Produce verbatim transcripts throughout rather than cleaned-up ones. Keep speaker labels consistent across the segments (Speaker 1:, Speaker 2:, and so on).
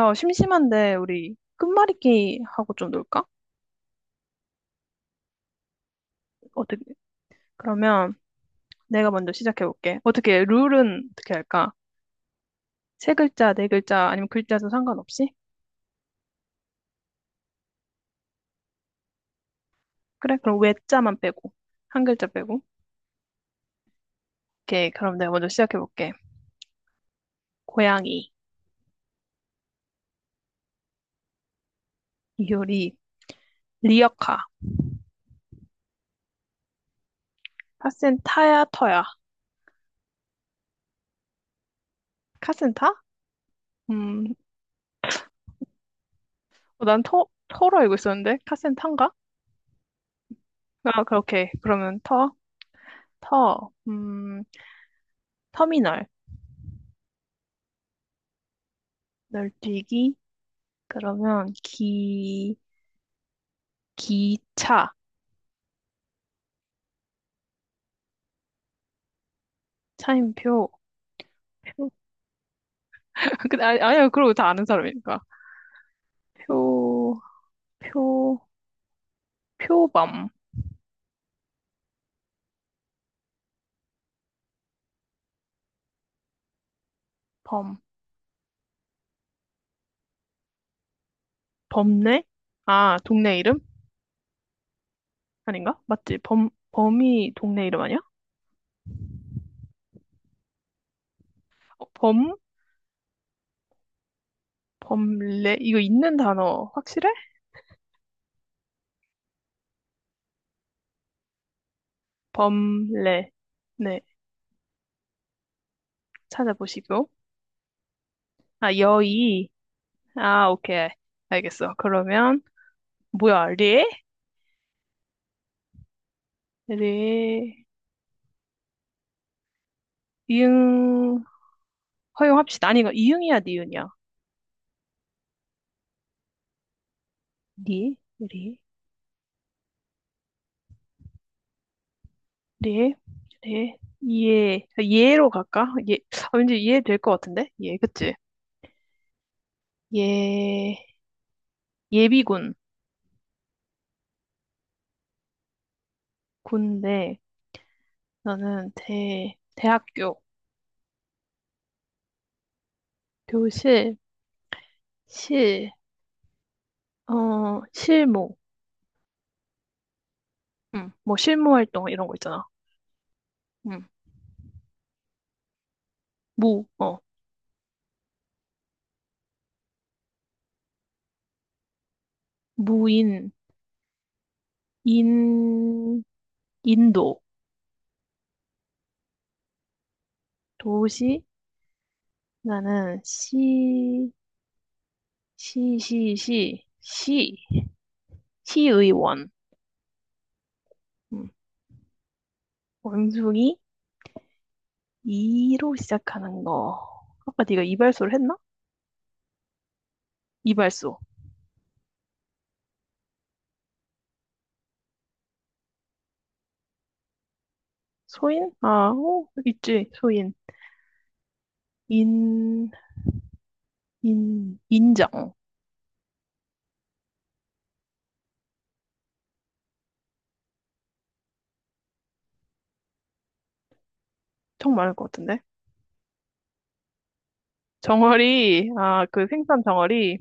Speaker 1: 야, 심심한데 우리 끝말잇기 하고 좀 놀까? 어떻게? 그러면 내가 먼저 시작해볼게. 어떻게 룰은 어떻게 할까? 세 글자, 네 글자 아니면 글자도 상관없이? 그래? 그럼 외자만 빼고 한 글자 빼고. 오케이. 그럼 내가 먼저 시작해볼게. 고양이, 이효리, 리어카, 카센타야, 터야. 카센타? 음, 어, 난 터, 터로 알고 있었는데 카센타인가? 아, 그렇게. 그러면 터, 터, 음, 터미널, 널뛰기. 그러면 기 기차 차임표 표 근데 아니, 아니야 그러고 다 아는 사람이니까 표 표 표범 범 범례 아 동네 이름 아닌가 맞지 범 범이 동네 이름 아니야 어, 범 범례 이거 있는 단어 확실해. 범례. 네. 찾아보시고. 아 여의. 아 오케이. 알겠어. 그러면 뭐야 리리 이응. 허용합시다. 아니, 이거 이응이야, 니은이야. 니, 우리, 레, 레, 예, 예로 갈까? 예, 아, 왠지 예될 것 같은데? 예, 그치? 예, 예비군, 군대, 나는 대, 대학교, 교실, 실, 어, 실무, 음, 뭐 실무 활동 이런 거 있잖아. 음, 무, 어, 무인, 인, 인도, 도시, 나는 시, 시, 시, 시, 시, 시의원. 음. 원숭이. 이로 시작하는 거. 아까 네가 이발소를 했나? 이발소. 소인? 아, 어, 있지. 소인. 인, 인, 인정. 청 많을 것 같은데. 정어리. 아, 그 생선 정어리.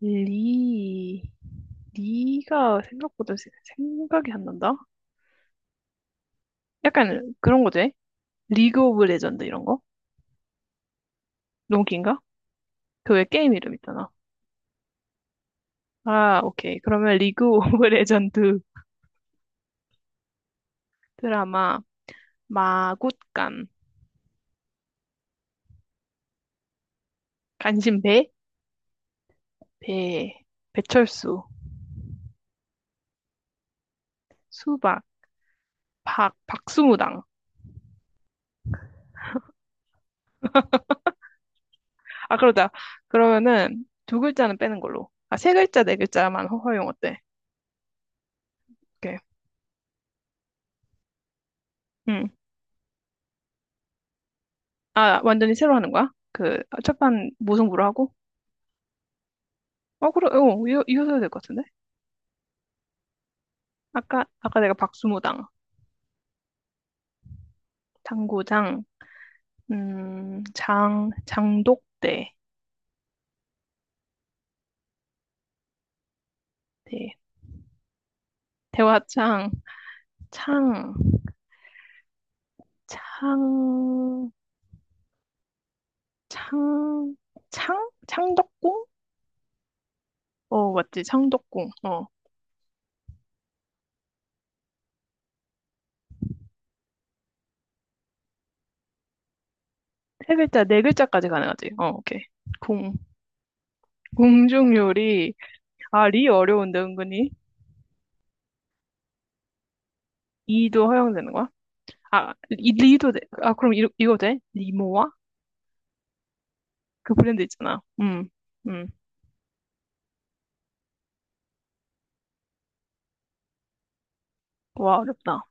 Speaker 1: 리. 리가 생각보다 세- 생각이 안 난다. 약간 그런 거지. 리그 오브 레전드 이런 거? 너무 긴가? 그 왜 게임 이름 있잖아. 아, 오케이. 그러면 리그 오브 레전드 드라마. 마굿간, 간신배, 배, 배철수, 수박, 박, 박수무당. 아, 그러자. 그러면은 두 글자는 빼는 걸로. 아, 세 글자, 네 글자만 허- 허용 어때? 오케이. 응. 아, 완전히 새로 하는 거야? 그, 아, 첫판 무승부로 하고? 어, 그래, 어, 이어, 이어서 될것 같은데? 아까, 아까 내가 박수무당, 당구장, 음, 장, 장독대, 대, 대화창, 창, 창, 창, 창? 창덕궁? 어, 맞지, 창덕궁. 어, 세 글자, 네 글자까지 가능하지. 어, 오케이. 궁. 궁중요리. 아, 리 어려운데, 은근히. 이도 허용되는 거야? 아, 이, 리도 돼. 아, 그럼 이, 이거 돼? 리모아? 그 브랜드 있잖아. 음, 음. 와, 어렵다.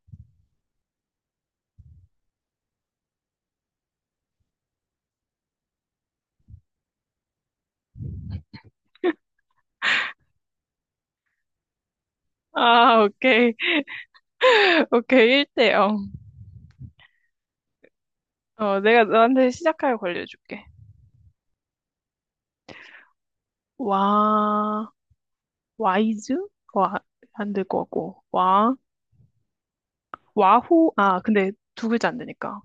Speaker 1: 아, 오케이. 오케이. 일 대 영. 어, 내가 너한테 시작하여 걸려줄게. 와, 와이즈? 와, 안 될 것 같고. 와, 와후? 아, 근데 두 글자 안 되니까.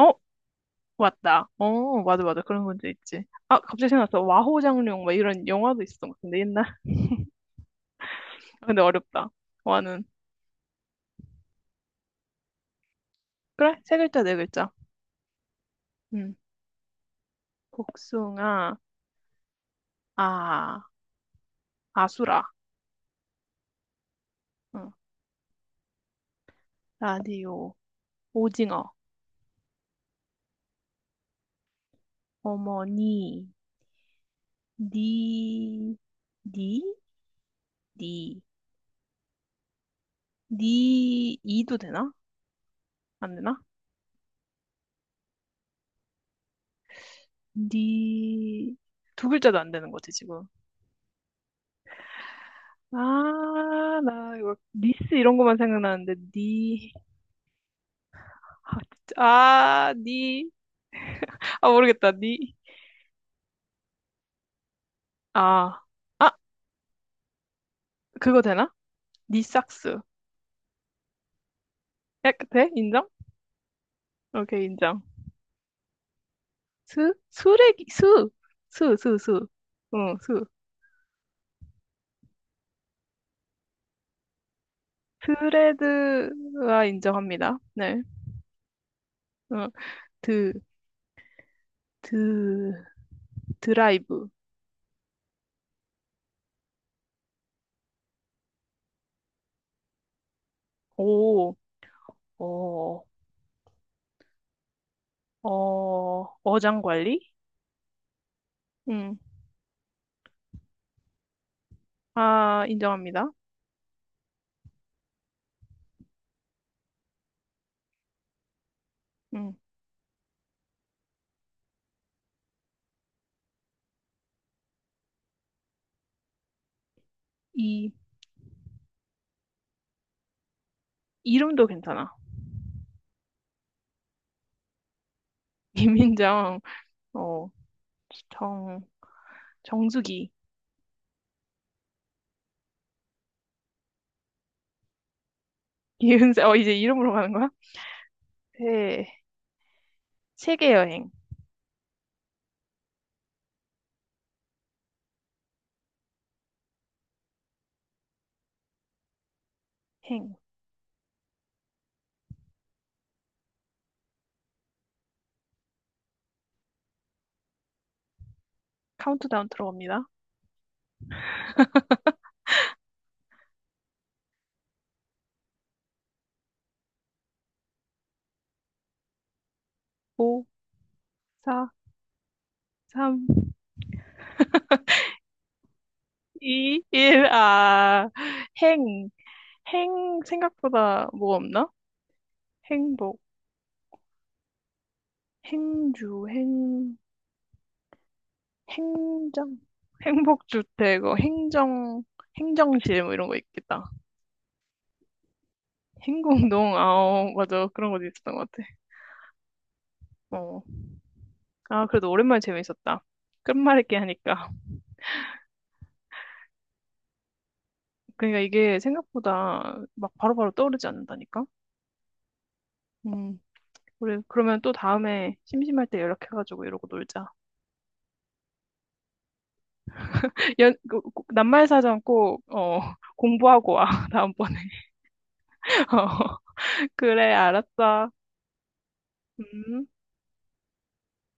Speaker 1: 어, 맞다. 어, 맞아, 맞아. 그런 문제 있지. 아, 갑자기 생각났어. 와호장룡, 막 이런 영화도 있었던 것 같은데, 옛날. 근데 어렵다. 와는. 그래, 세 글자, 네 글자. 음 복숭아, 아, 아수라. 응. 라디오, 오징어, 어머니, 니, 니, 니, 니, 이도 되나? 안 되나? 니, 두 글자도 안 되는 거지, 지금. 아, 나 이거, 리스 이런 것만 생각나는데, 니, 아, 진짜. 아, 니. 아, 모르겠다. 니. 아. 아, 그거 되나? 니 삭스. 야, 그, 돼? 인정? 오케이, 인정. 수? 수레기, 수! 수, 수, 수. 응, 수. 스레드가 인정합니다. 네. 응. 드, 드, 드라이브. 오, 어, 어, 어장 관리? 응. 아, 인정합니다. 응. 이, 이름도 괜찮아. 이민정, 어, 정, 정수기. 기은사, 어, 이제 이름으로 가는 거야? 세, 세계 여행, 행, 카운트다운 들어갑니다. 오, 사, 삼, 이, 일, 아, 행, 행, 생각보다 뭐 없나? 행복, 행주, 행, 행정, 행복주택, 어, 행정, 행정실, 뭐 이런 거 있겠다. 행궁동, 아, 어, 맞아. 그런 것도 있었던 것 같아. 어. 아, 그래도 오랜만에 재밌었다. 끝말잇기 하니까. 그러니까 이게 생각보다 막 바로바로 떠오르지 않는다니까? 음. 우리 그러면 또 다음에 심심할 때 연락해가지고 이러고 놀자. 연, 그- 그- 낱말사전 꼭, 어, 공부하고 와, 다음번에. 어, 그래, 알았어. 음.